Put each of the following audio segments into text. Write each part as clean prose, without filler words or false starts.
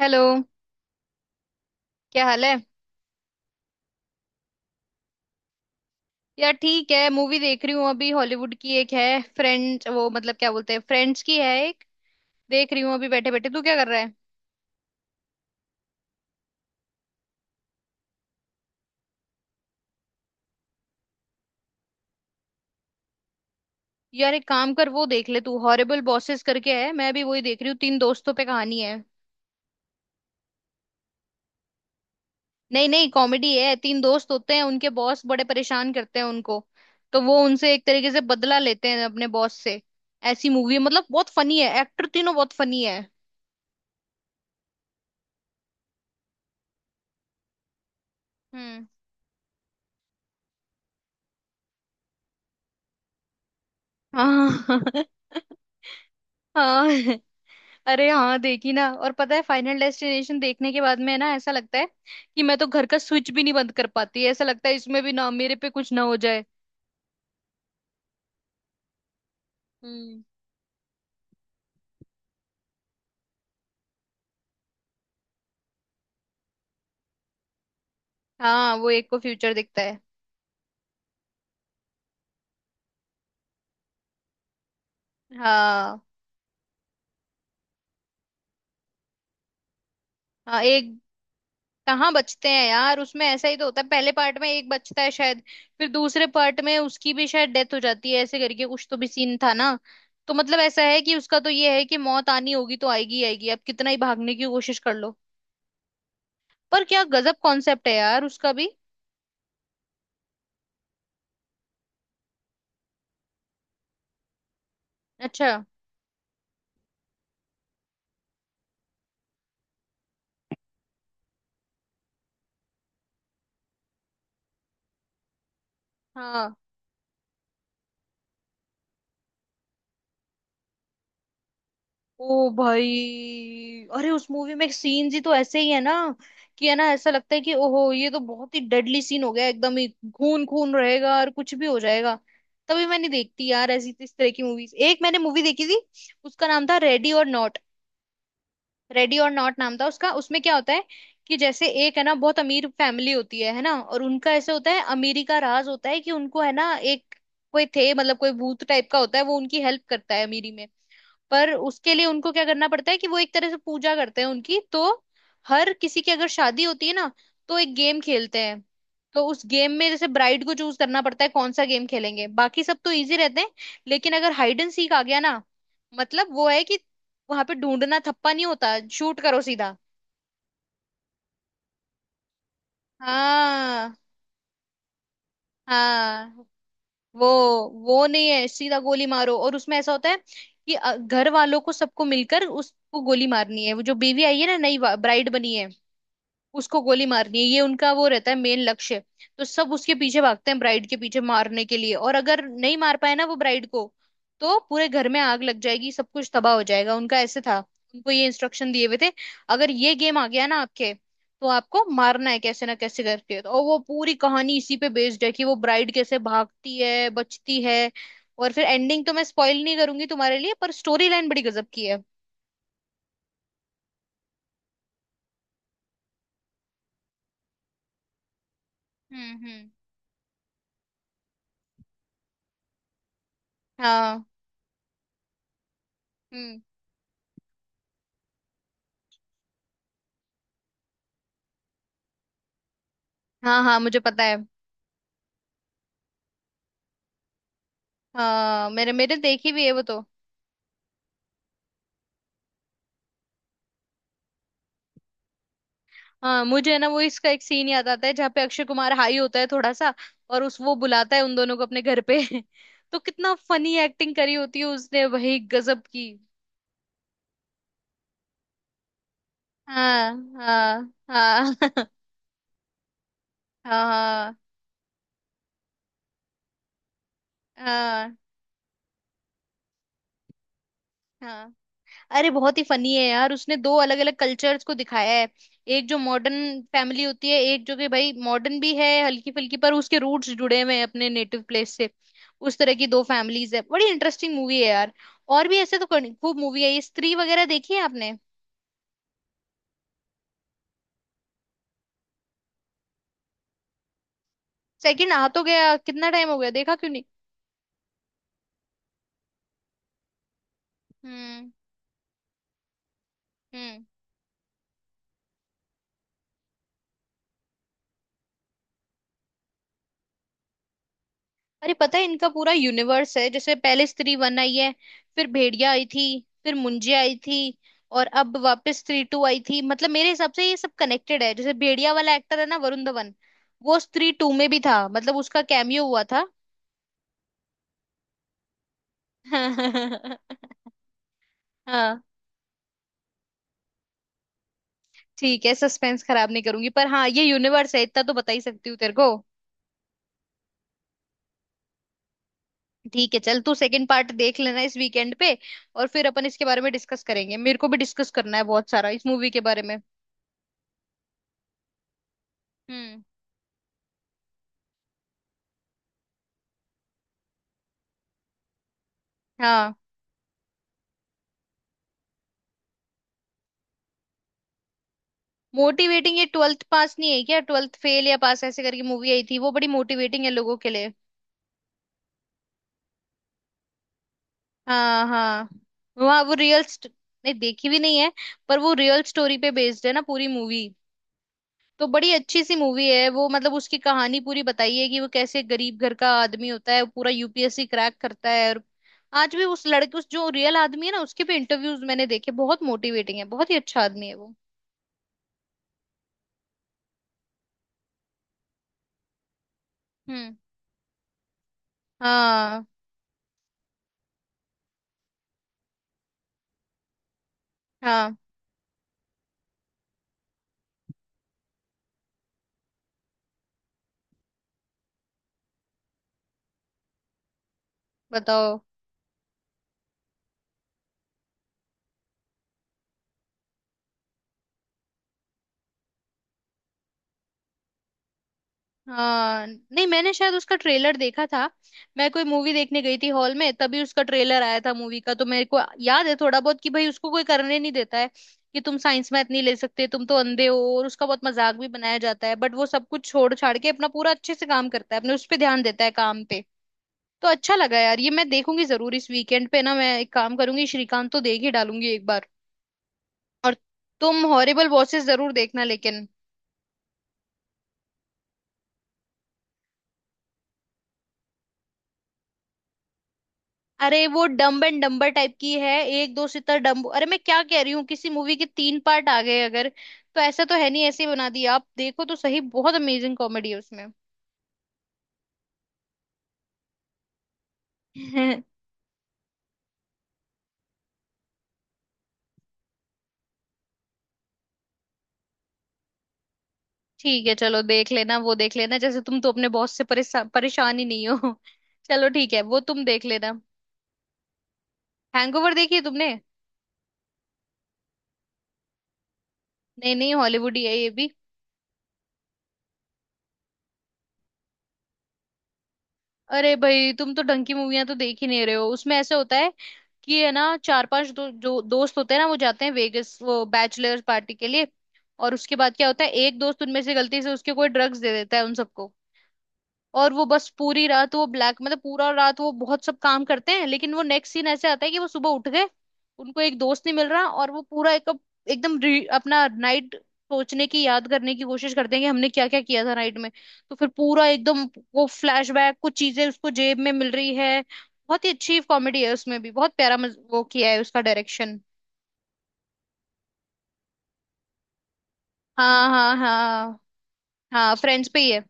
Hello. क्या हाल है? यार ठीक है, मूवी देख रही हूँ अभी, हॉलीवुड की एक है फ्रेंड्स, वो मतलब क्या बोलते हैं, फ्रेंड्स की है एक, देख रही हूँ अभी बैठे बैठे। तू क्या कर रहा है? यार एक काम कर, वो देख ले तू, हॉरिबल बॉसेस करके है, मैं भी वही देख रही हूँ, तीन दोस्तों पे कहानी है। नहीं नहीं, कॉमेडी है, तीन दोस्त होते हैं, उनके बॉस बड़े परेशान करते हैं उनको, तो वो उनसे एक तरीके से बदला लेते हैं अपने बॉस से। ऐसी मूवी है, मतलब बहुत फनी है, एक्टर तीनों बहुत फनी है। हम्म। हाँ हाँ। अरे हाँ देखी ना, और पता है, फाइनल डेस्टिनेशन देखने के बाद में ना ऐसा लगता है कि मैं तो घर का स्विच भी नहीं बंद कर पाती, ऐसा लगता है इसमें भी ना मेरे पे कुछ ना हो जाए। हम्म। हाँ, वो एक को फ्यूचर दिखता है। हाँ। हाँ एक, कहाँ बचते हैं यार उसमें? ऐसा ही तो होता है, पहले पार्ट में एक बचता है शायद, फिर दूसरे पार्ट में उसकी भी शायद डेथ हो जाती है, ऐसे करके कुछ तो भी सीन था ना। तो मतलब ऐसा है कि उसका तो ये है कि मौत आनी होगी तो आएगी ही आएगी, अब कितना ही भागने की कोशिश कर लो। पर क्या गजब कॉन्सेप्ट है यार उसका भी। अच्छा। हाँ। ओ भाई। अरे उस मूवी में सीन्स ही तो ऐसे ही है ना, कि है ना ऐसा लगता है कि ओहो ये तो बहुत ही डेडली सीन हो गया एकदम ही, खून खून रहेगा और कुछ भी हो जाएगा। तभी मैं नहीं देखती यार ऐसी इस तरह की मूवीज। एक मैंने मूवी देखी थी, उसका नाम था ready or not. Ready or not नाम था उसका। उसमें क्या होता है कि, जैसे एक है ना बहुत अमीर फैमिली होती है ना, और उनका ऐसे होता है, अमीरी का राज होता है कि उनको है ना एक कोई थे, मतलब कोई भूत टाइप का होता है, वो उनकी हेल्प करता है अमीरी में। पर उसके लिए उनको क्या करना पड़ता है कि वो एक तरह से पूजा करते हैं उनकी। तो हर किसी की अगर शादी होती है ना, तो एक गेम खेलते हैं। तो उस गेम में जैसे ब्राइड को चूज करना पड़ता है कौन सा गेम खेलेंगे, बाकी सब तो इजी रहते हैं, लेकिन अगर हाइड एंड सीक आ गया ना, मतलब वो है कि वहां पे ढूंढना थप्पा नहीं होता, शूट करो सीधा। हाँ। हाँ वो वो नहीं है, सीधा गोली मारो। और उसमें ऐसा होता है कि घर वालों को सबको मिलकर उसको गोली मारनी है, वो जो बीवी आई है ना, नई ब्राइड बनी है, उसको गोली मारनी है, ये उनका वो रहता है मेन लक्ष्य। तो सब उसके पीछे भागते हैं, ब्राइड के पीछे मारने के लिए, और अगर नहीं मार पाए ना वो ब्राइड को, तो पूरे घर में आग लग जाएगी, सब कुछ तबाह हो जाएगा उनका, ऐसे था। उनको ये इंस्ट्रक्शन दिए हुए थे अगर ये गेम आ गया ना आपके, तो आपको मारना है कैसे ना कैसे करके। तो और वो पूरी कहानी इसी पे बेस्ड है कि वो ब्राइड कैसे भागती है बचती है। और फिर एंडिंग तो मैं स्पॉइल नहीं करूंगी तुम्हारे लिए, पर स्टोरी लाइन बड़ी गजब की है। हम्म। हम्म। हाँ। हम्म। हाँ हाँ मुझे पता है। हाँ मेरे मेरे देखी भी है वो तो। हाँ मुझे है ना वो इसका एक सीन याद आता है जहाँ पे अक्षय कुमार हाई होता है थोड़ा सा, और उस वो बुलाता है उन दोनों को अपने घर पे तो कितना फनी एक्टिंग करी होती है उसने, वही गजब की। हाँ हाँ हाँ हाँ हाँ। हाँ हाँ। अरे बहुत ही फनी है यार, उसने दो अलग अलग कल्चर्स को दिखाया है। एक जो मॉडर्न फैमिली होती है, एक जो कि भाई मॉडर्न भी है हल्की फुल्की पर उसके रूट्स जुड़े हुए हैं अपने नेटिव प्लेस से। उस तरह की दो फैमिलीज है, बड़ी इंटरेस्टिंग मूवी है यार। और भी ऐसे तो खूब मूवी है ये। स्त्री वगैरह देखी है आपने? सेकंड आ तो गया कितना टाइम हो गया, देखा क्यों नहीं? हम्म। हम्म। अरे पता है इनका पूरा यूनिवर्स है, जैसे पहले स्त्री वन आई है, फिर भेड़िया आई थी, फिर मुंजिया आई थी, और अब वापस स्त्री टू आई थी। मतलब मेरे हिसाब से ये सब कनेक्टेड है, जैसे भेड़िया वाला एक्टर है ना वरुण धवन, वो स्त्री टू में भी था, मतलब उसका कैमियो हुआ था। हाँ। ठीक है सस्पेंस खराब नहीं करूंगी, पर हाँ ये यूनिवर्स है इतना तो बता ही सकती हूँ तेरे को। ठीक है, चल तू सेकंड पार्ट देख लेना इस वीकेंड पे, और फिर अपन इसके बारे में डिस्कस करेंगे, मेरे को भी डिस्कस करना है बहुत सारा इस मूवी के बारे में। हम्म। हाँ। मोटिवेटिंग? ये ट्वेल्थ पास नहीं है क्या, ट्वेल्थ फेल या पास ऐसे करके मूवी आई थी, वो बड़ी मोटिवेटिंग है लोगों के लिए। हाँ हाँ। वहाँ वो रियल, नहीं देखी भी नहीं है, पर वो रियल स्टोरी पे बेस्ड है ना पूरी मूवी, तो बड़ी अच्छी सी मूवी है वो। मतलब उसकी कहानी पूरी बताई है कि वो कैसे गरीब घर का आदमी होता है, वो पूरा यूपीएससी क्रैक करता है। और आज भी उस लड़के, उस जो रियल आदमी है ना, उसके भी इंटरव्यूज मैंने देखे, बहुत मोटिवेटिंग है, बहुत ही अच्छा आदमी है वो। हम्म। हाँ हाँ। बताओ। हाँ नहीं, मैंने शायद उसका ट्रेलर देखा था। मैं कोई मूवी देखने गई थी हॉल में, तभी उसका ट्रेलर आया था मूवी का, तो मेरे को याद है थोड़ा बहुत कि भाई उसको कोई करने नहीं देता है कि तुम साइंस मैथ नहीं ले सकते तुम तो अंधे हो, और उसका बहुत मजाक भी बनाया जाता है, बट वो सब कुछ छोड़ छाड़ के अपना पूरा अच्छे से काम करता है, अपने उस पर ध्यान देता है काम पे। तो अच्छा लगा यार, ये मैं देखूंगी जरूर इस वीकेंड पे ना, मैं एक काम करूंगी, श्रीकांत तो देख ही डालूंगी एक बार। और तुम हॉरिबल बॉसेस जरूर देखना लेकिन। अरे वो डम्ब एंड डम्बर टाइप की है। एक दो सितर डम्ब, अरे मैं क्या कह रही हूँ, किसी मूवी के तीन पार्ट आ गए अगर तो ऐसा तो है नहीं ऐसे ही बना दिया, आप देखो तो सही, बहुत अमेजिंग कॉमेडी है उसमें। ठीक है चलो, देख लेना वो देख लेना, जैसे तुम तो अपने बॉस से परेशान परेशान ही नहीं हो। चलो ठीक है वो तुम देख लेना। हैंगओवर देखी है तुमने? नहीं नहीं, हॉलीवुड ही है ये भी। अरे भाई तुम तो डंकी मूवियां तो देख ही नहीं रहे हो। उसमें ऐसे होता है कि है ना चार पांच दो, जो दोस्त होते हैं ना वो जाते हैं वेगस, वो बैचलर्स पार्टी के लिए, और उसके बाद क्या होता है, एक दोस्त उनमें से गलती से उसके कोई ड्रग्स दे देता है उन सबको, और वो बस पूरी रात वो ब्लैक, मतलब पूरा रात वो बहुत सब काम करते हैं, लेकिन वो नेक्स्ट सीन ऐसे आता है कि वो सुबह उठ गए, उनको एक दोस्त नहीं मिल रहा, और वो पूरा एक एकदम अपना नाइट सोचने की, याद करने की कोशिश करते हैं कि हमने क्या क्या किया था नाइट में। तो फिर पूरा एकदम वो फ्लैशबैक, कुछ चीजें उसको जेब में मिल रही है, बहुत ही अच्छी कॉमेडी है उसमें भी, बहुत प्यारा वो किया है उसका डायरेक्शन। हाँ हाँ हाँ। हाँ फ्रेंड्स पे ही है।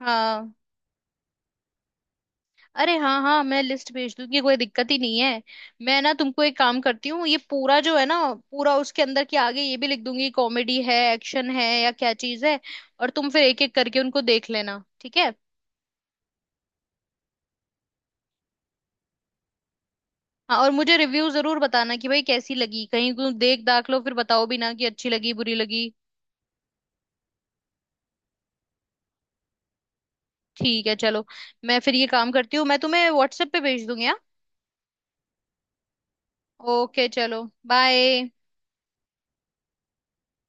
हाँ अरे हाँ हाँ मैं लिस्ट भेज दूंगी, कोई दिक्कत ही नहीं है। मैं ना तुमको एक काम करती हूँ, ये पूरा जो है ना, पूरा उसके अंदर के आगे ये भी लिख दूंगी कॉमेडी है एक्शन है या क्या चीज है, और तुम फिर एक एक करके उनको देख लेना। ठीक है? हाँ और मुझे रिव्यू जरूर बताना कि भाई कैसी लगी, कहीं तुम देख दाख लो फिर बताओ भी ना कि अच्छी लगी बुरी लगी। ठीक है चलो, मैं फिर ये काम करती हूँ, मैं तुम्हें व्हाट्सएप पे भेज दूंगी हाँ। ओके चलो बाय।